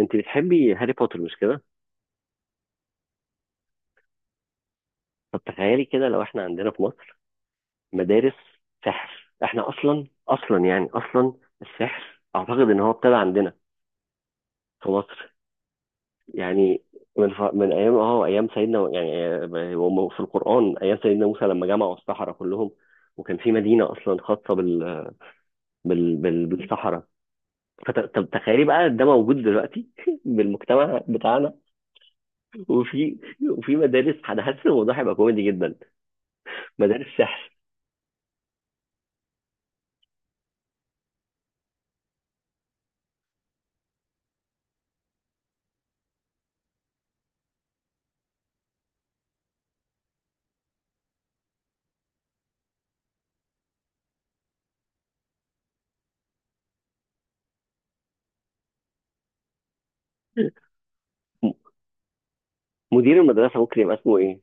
انت بتحبي هاري بوتر مش كده؟ طب تخيلي كده لو احنا عندنا في مصر مدارس سحر. احنا اصلا يعني اصلا السحر اعتقد ان هو ابتدى عندنا في مصر. يعني من ايام ايام سيدنا، يعني هم في القرآن ايام سيدنا موسى لما جمعوا السحرة كلهم، وكان في مدينة اصلا خاصة بالسحرة. طب تخيلي بقى ده موجود دلوقتي بالمجتمع بتاعنا. وفي وفي مدارس، انا حاسس الموضوع هيبقى كوميدي جدا. مدارس سحر. مدير المدرسة ممكن يبقى اسمه ايه؟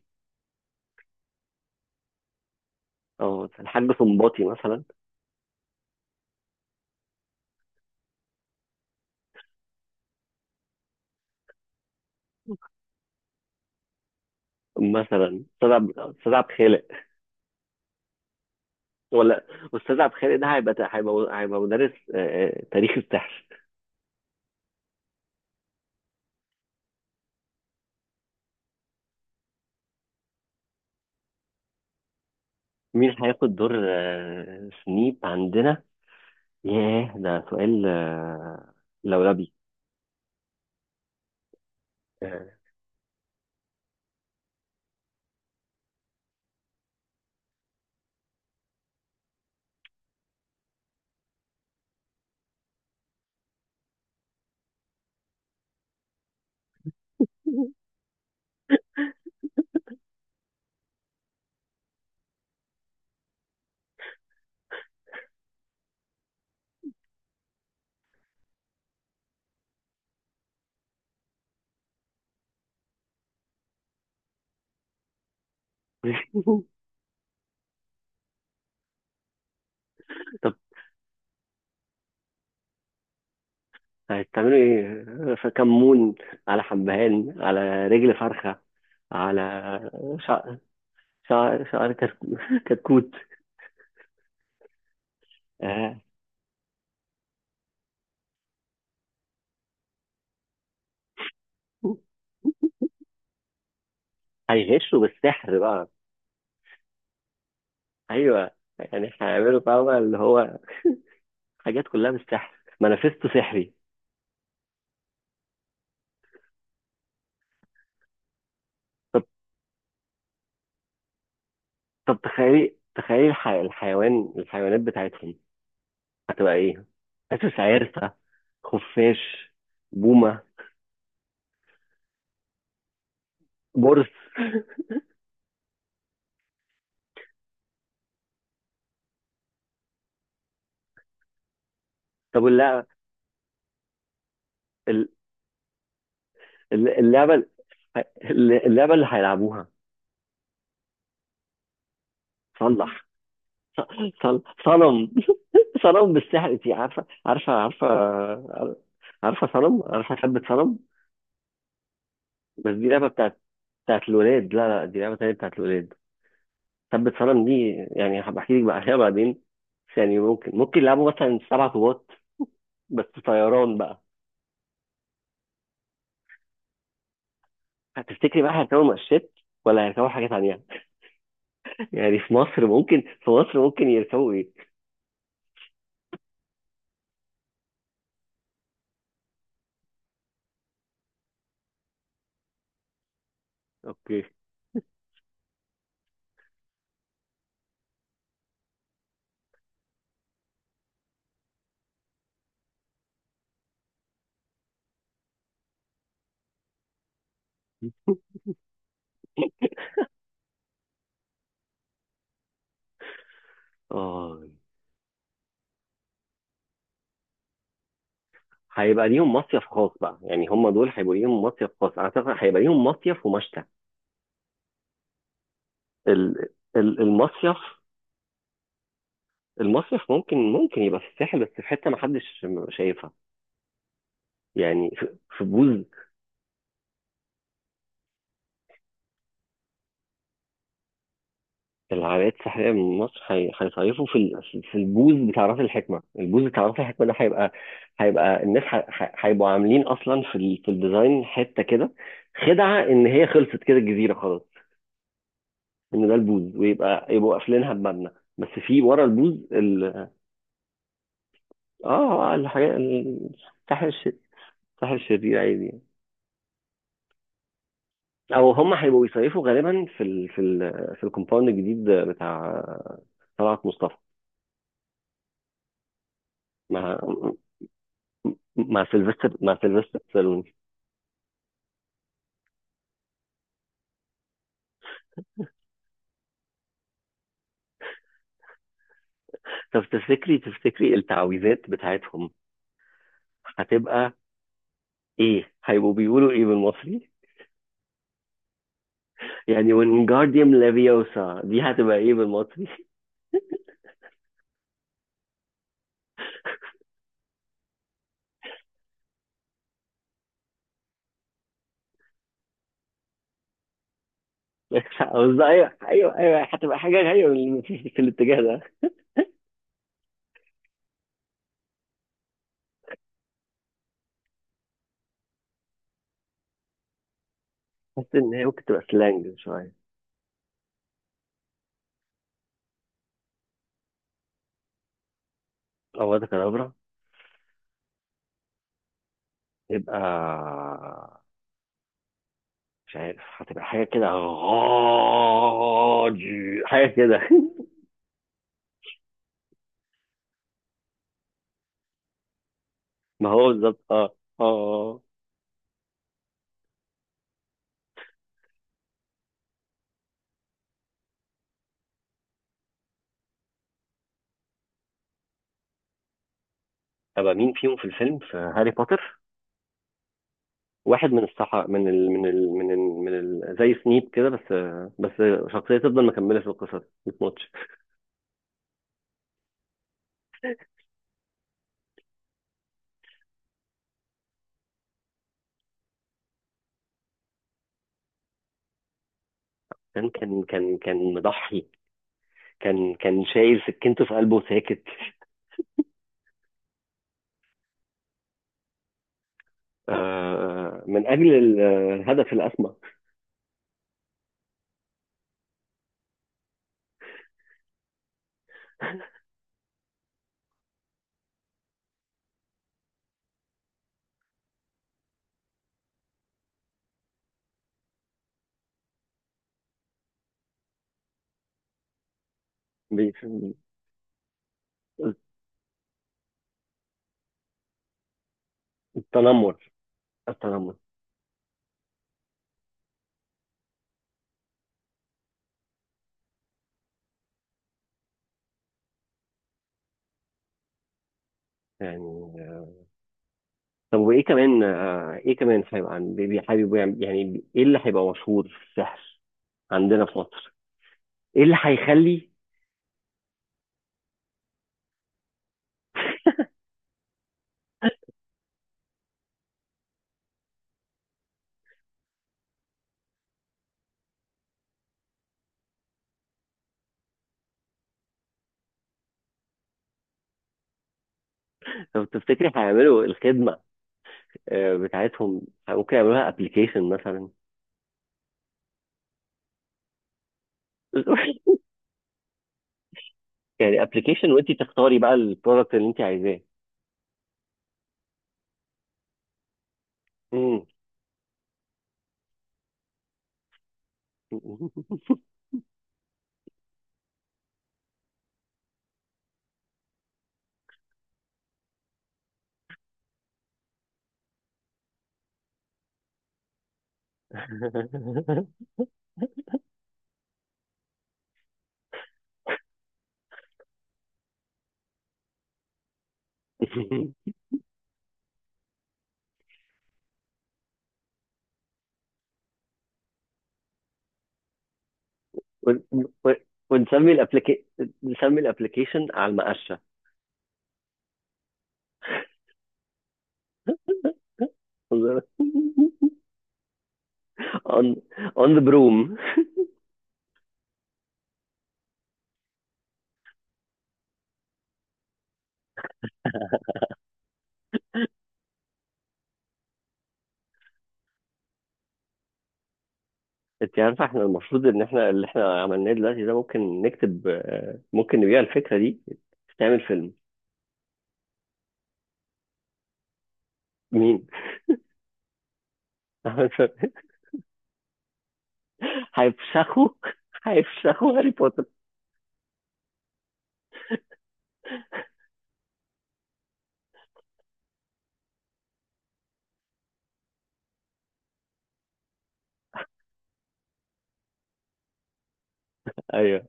اه الحاج صنباطي مثلا. مثلا استاذ عبد خالق. ولا استاذ عبد خالق ده هيبقى مدرس تاريخ السحر. مين هياخد دور سنيب عندنا؟ ياه ده سؤال لولبي. آه. طب هتعملوا ايه؟ فكمون، على حبهان، على رجل فرخة، على شعر شعر كتكوت. آه. هيغشوا بالسحر بقى. ايوه، يعني هيعملوا فاهمة اللي هو حاجات كلها بالسحر، مانيفستو سحري. طب طب تخيلي تخيلي الحيوانات بتاعتهم هتبقى ايه؟ حاسس عرسة، خفاش، بومة، برص. طب اللعبة، ال- اللعبة، اللعبة اللي هيلعبوها. صلح، صنم. صنم بالسحر، انت عارفة؟ عارفة صنم؟ عارفة ثبت صنم؟ بس دي لعبة بتاعت الولاد. لا لا، دي لعبة تانية بتاعت الولاد. ثبت صنم دي يعني هبحكي لك بقى عليها بعدين. بس يعني ممكن ممكن يلعبوا مثلا سبع طوبات، بس طيران بقى. هتفتكري بقى هيركبوا مقشات ولا هيركبوا حاجة تانية؟ يعني في مصر ممكن، في مصر ممكن يركبوا ايه؟ اوكي. اه هيبقى ليهم مصيف خاص بقى، يعني هم دول هيبقوا ليهم مصيف خاص، اعتقد هيبقى ليهم مصيف ومشتى. ال... المصيف، المصيف ممكن ممكن يبقى في الساحل بس في حتة ما حدش شايفها. يعني في في بوز العمليات السحريه من مصر هيصيفوا في في البوز بتاع راس الحكمه. البوز بتاع راس الحكمه ده هيبقى، هيبقى الناس هيبقوا عاملين اصلا في في الديزاين حته كده خدعه ان هي خلصت كده الجزيره خلاص، ان ده البوز، ويبقى يبقوا قافلينها بمبنى. بس في ورا البوز ال... اه الحاجات الساحر الساحر الشرير عادي يعني. او هم هيبقوا بيصيفوا غالبا في في الكومباوند الجديد بتاع طلعت مصطفى. ما مع سيلفستر، مع سيلفستر سالون. طب تفتكري تفتكري التعويذات بتاعتهم هتبقى ايه؟ هيبقوا بيقولوا ايه بالمصري؟ يعني وينجارديوم لافيوسا دي هتبقى ايه بالمصري؟ مش عاوز- ايوه ايوه ايوه، هتبقى حاجه، ايوه، في الاتجاه ده، بس ان هي ممكن تبقى سلانج شويه. او ده كدابرا، يبقى مش عارف، هتبقى حاجه كده غاضي، حاجه كده. ما هو بالظبط. اه، اه، آه. ابقى مين فيهم في الفيلم في هاري بوتر؟ واحد من الصحا زي سنيب كده، بس بس شخصيه تفضل مكمله في القصه، دي ماتش. كان مضحي، كان شايل سكينته في قلبه ساكت. من اجل الهدف الاسمى. بي- التنمر، التنمر، يعني. طب وايه كمان ايه كمان هيبقى حابب يعني ايه اللي هيبقى مشهور في السحر عندنا في مصر؟ ايه اللي هيخلي لو تفتكري هيعملوا الخدمه بتاعتهم؟ ممكن يعملوها ابلكيشن مثلا. يعني ابلكيشن وانت تختاري بقى البرودكت اللي انت عايزاه. مم. ون- ون- ونسمي الابلكيشن، نسمي الابلكيشن على المقشه. on, on the broom. انت عارفه احنا المفروض ان احنا اللي عملناه دلوقتي ده ممكن نكتب، ممكن نبيع الفكره دي. تعمل فيلم. مين؟ هيفشخوا، هيفشخوا هاري بوتر. ايوه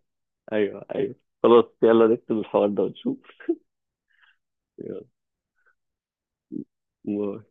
ايوه ايوه. خلاص يلا نكتب الحوار ده ونشوف. يلا